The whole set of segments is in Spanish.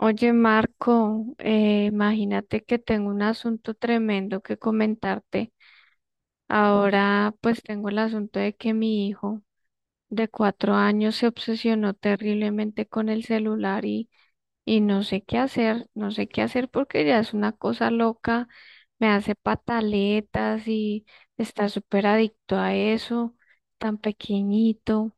Oye, Marco, imagínate que tengo un asunto tremendo que comentarte. Ahora pues tengo el asunto de que mi hijo de 4 años se obsesionó terriblemente con el celular y no sé qué hacer, no sé qué hacer porque ya es una cosa loca, me hace pataletas y está súper adicto a eso, tan pequeñito.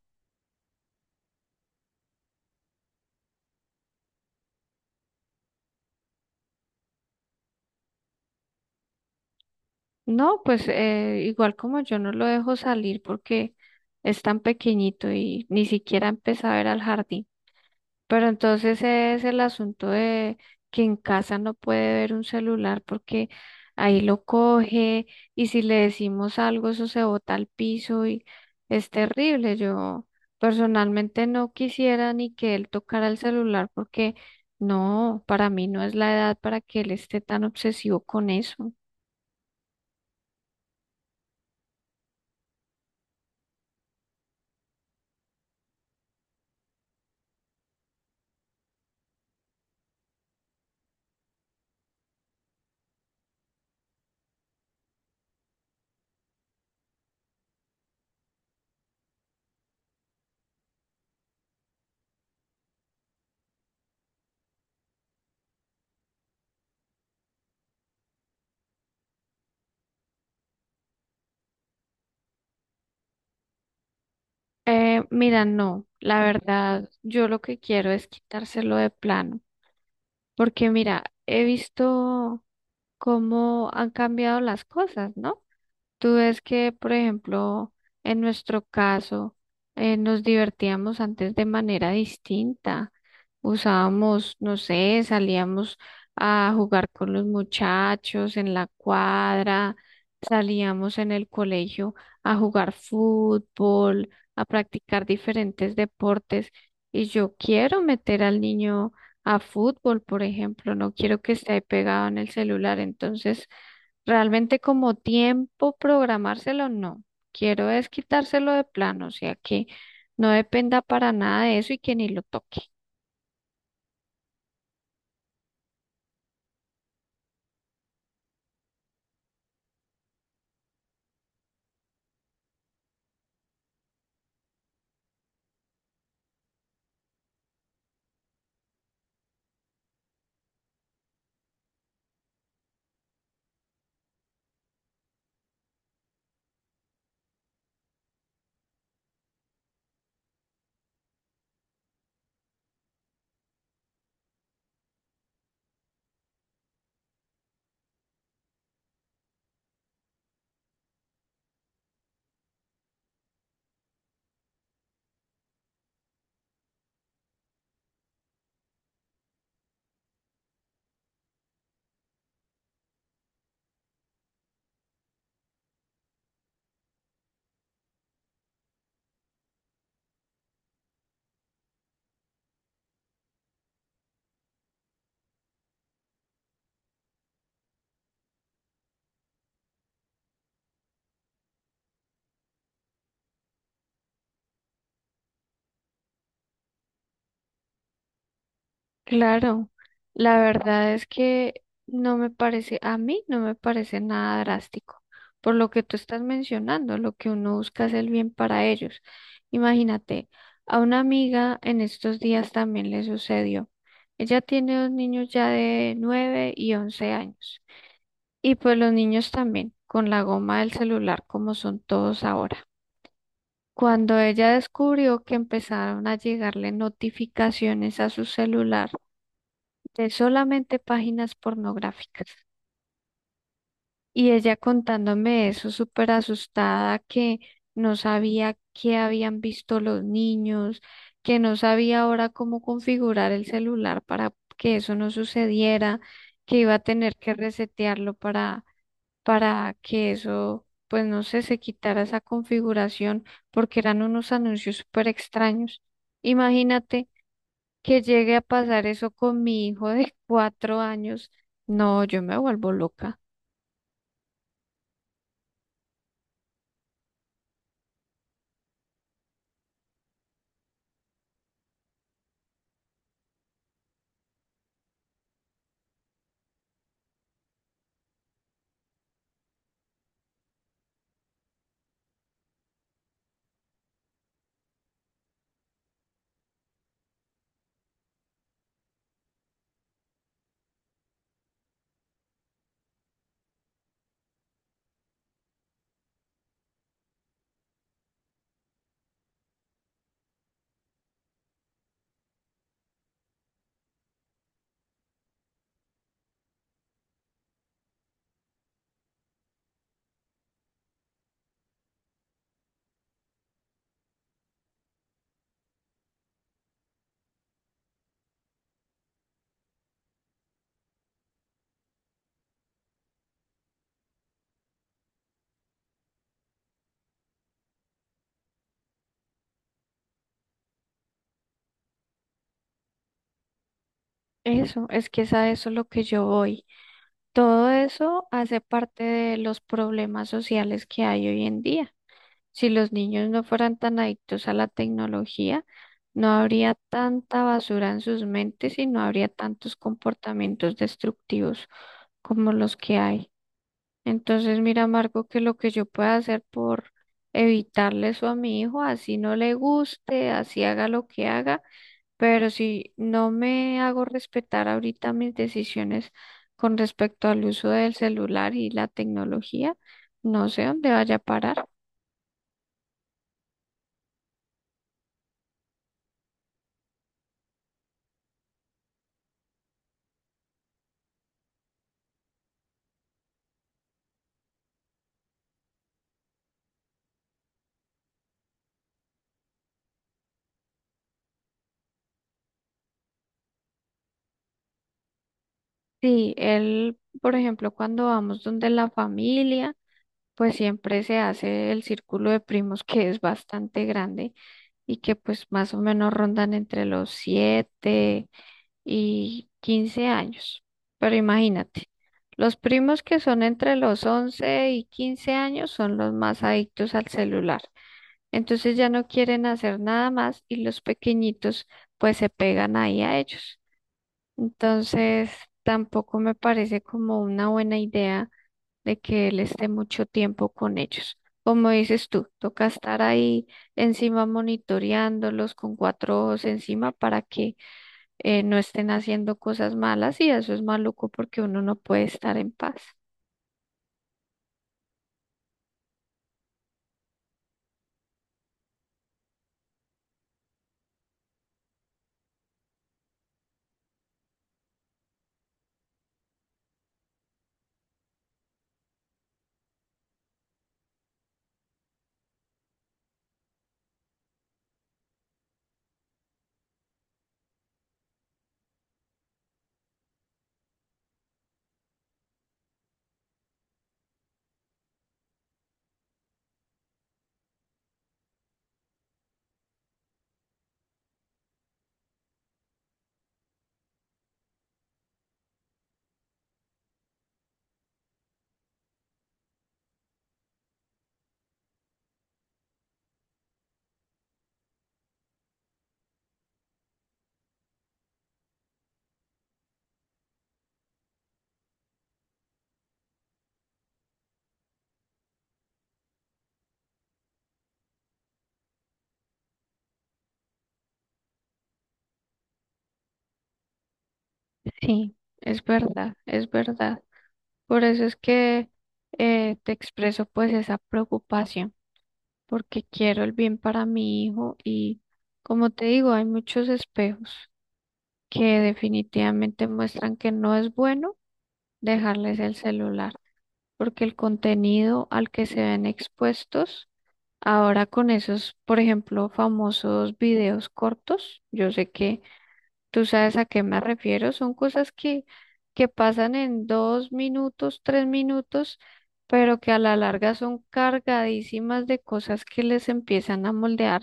No, pues igual como yo no lo dejo salir porque es tan pequeñito y ni siquiera empieza a ver al jardín. Pero entonces es el asunto de que en casa no puede ver un celular porque ahí lo coge y si le decimos algo eso se bota al piso y es terrible. Yo personalmente no quisiera ni que él tocara el celular porque no, para mí no es la edad para que él esté tan obsesivo con eso. Mira, no, la verdad, yo lo que quiero es quitárselo de plano, porque mira, he visto cómo han cambiado las cosas, ¿no? Tú ves que, por ejemplo, en nuestro caso, nos divertíamos antes de manera distinta. Usábamos, no sé, salíamos a jugar con los muchachos en la cuadra, salíamos en el colegio a jugar fútbol, a practicar diferentes deportes. Y yo quiero meter al niño a fútbol, por ejemplo, no quiero que esté ahí pegado en el celular. Entonces, realmente como tiempo programárselo, no. Quiero es quitárselo de plano, o sea que no dependa para nada de eso y que ni lo toque. Claro, la verdad es que no me parece, a mí no me parece nada drástico. Por lo que tú estás mencionando, lo que uno busca es el bien para ellos. Imagínate, a una amiga en estos días también le sucedió. Ella tiene dos niños ya de 9 y 11 años. Y pues los niños también, con la goma del celular como son todos ahora. Cuando ella descubrió que empezaron a llegarle notificaciones a su celular de solamente páginas pornográficas. Y ella contándome eso súper asustada que no sabía qué habían visto los niños, que no sabía ahora cómo configurar el celular para que eso no sucediera, que iba a tener que resetearlo para que eso, pues no sé, se quitara esa configuración porque eran unos anuncios súper extraños. Imagínate que llegue a pasar eso con mi hijo de 4 años. No, yo me vuelvo loca. Eso, es que es a eso lo que yo voy. Todo eso hace parte de los problemas sociales que hay hoy en día. Si los niños no fueran tan adictos a la tecnología, no habría tanta basura en sus mentes y no habría tantos comportamientos destructivos como los que hay. Entonces, mira, Marco, que lo que yo pueda hacer por evitarle eso a mi hijo, así no le guste, así haga lo que haga, pero si no me hago respetar ahorita mis decisiones con respecto al uso del celular y la tecnología, no sé dónde vaya a parar. Sí, él, por ejemplo, cuando vamos donde la familia, pues siempre se hace el círculo de primos que es bastante grande y que pues más o menos rondan entre los 7 y 15 años. Pero imagínate, los primos que son entre los 11 y 15 años son los más adictos al celular. Entonces ya no quieren hacer nada más y los pequeñitos pues se pegan ahí a ellos. Entonces, tampoco me parece como una buena idea de que él esté mucho tiempo con ellos. Como dices tú, toca estar ahí encima monitoreándolos con cuatro ojos encima para que no estén haciendo cosas malas y eso es maluco porque uno no puede estar en paz. Sí, es verdad, es verdad. Por eso es que te expreso pues esa preocupación, porque quiero el bien para mi hijo y como te digo, hay muchos espejos que definitivamente muestran que no es bueno dejarles el celular, porque el contenido al que se ven expuestos ahora con esos, por ejemplo, famosos videos cortos, yo sé que tú sabes a qué me refiero, son cosas que pasan en 2 minutos, 3 minutos, pero que a la larga son cargadísimas de cosas que les empiezan a moldear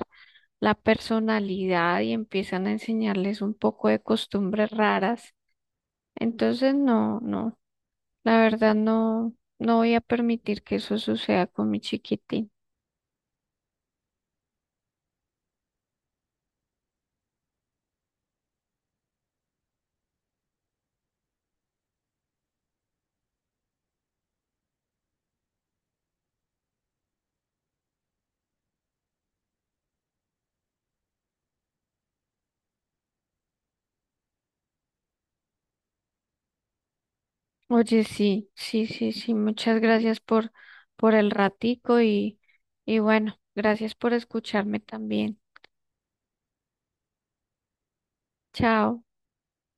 la personalidad y empiezan a enseñarles un poco de costumbres raras. Entonces, no, no, la verdad no, no voy a permitir que eso suceda con mi chiquitín. Oye, sí, sí, sí, sí, muchas gracias por el ratico y bueno, gracias por escucharme también. Chao.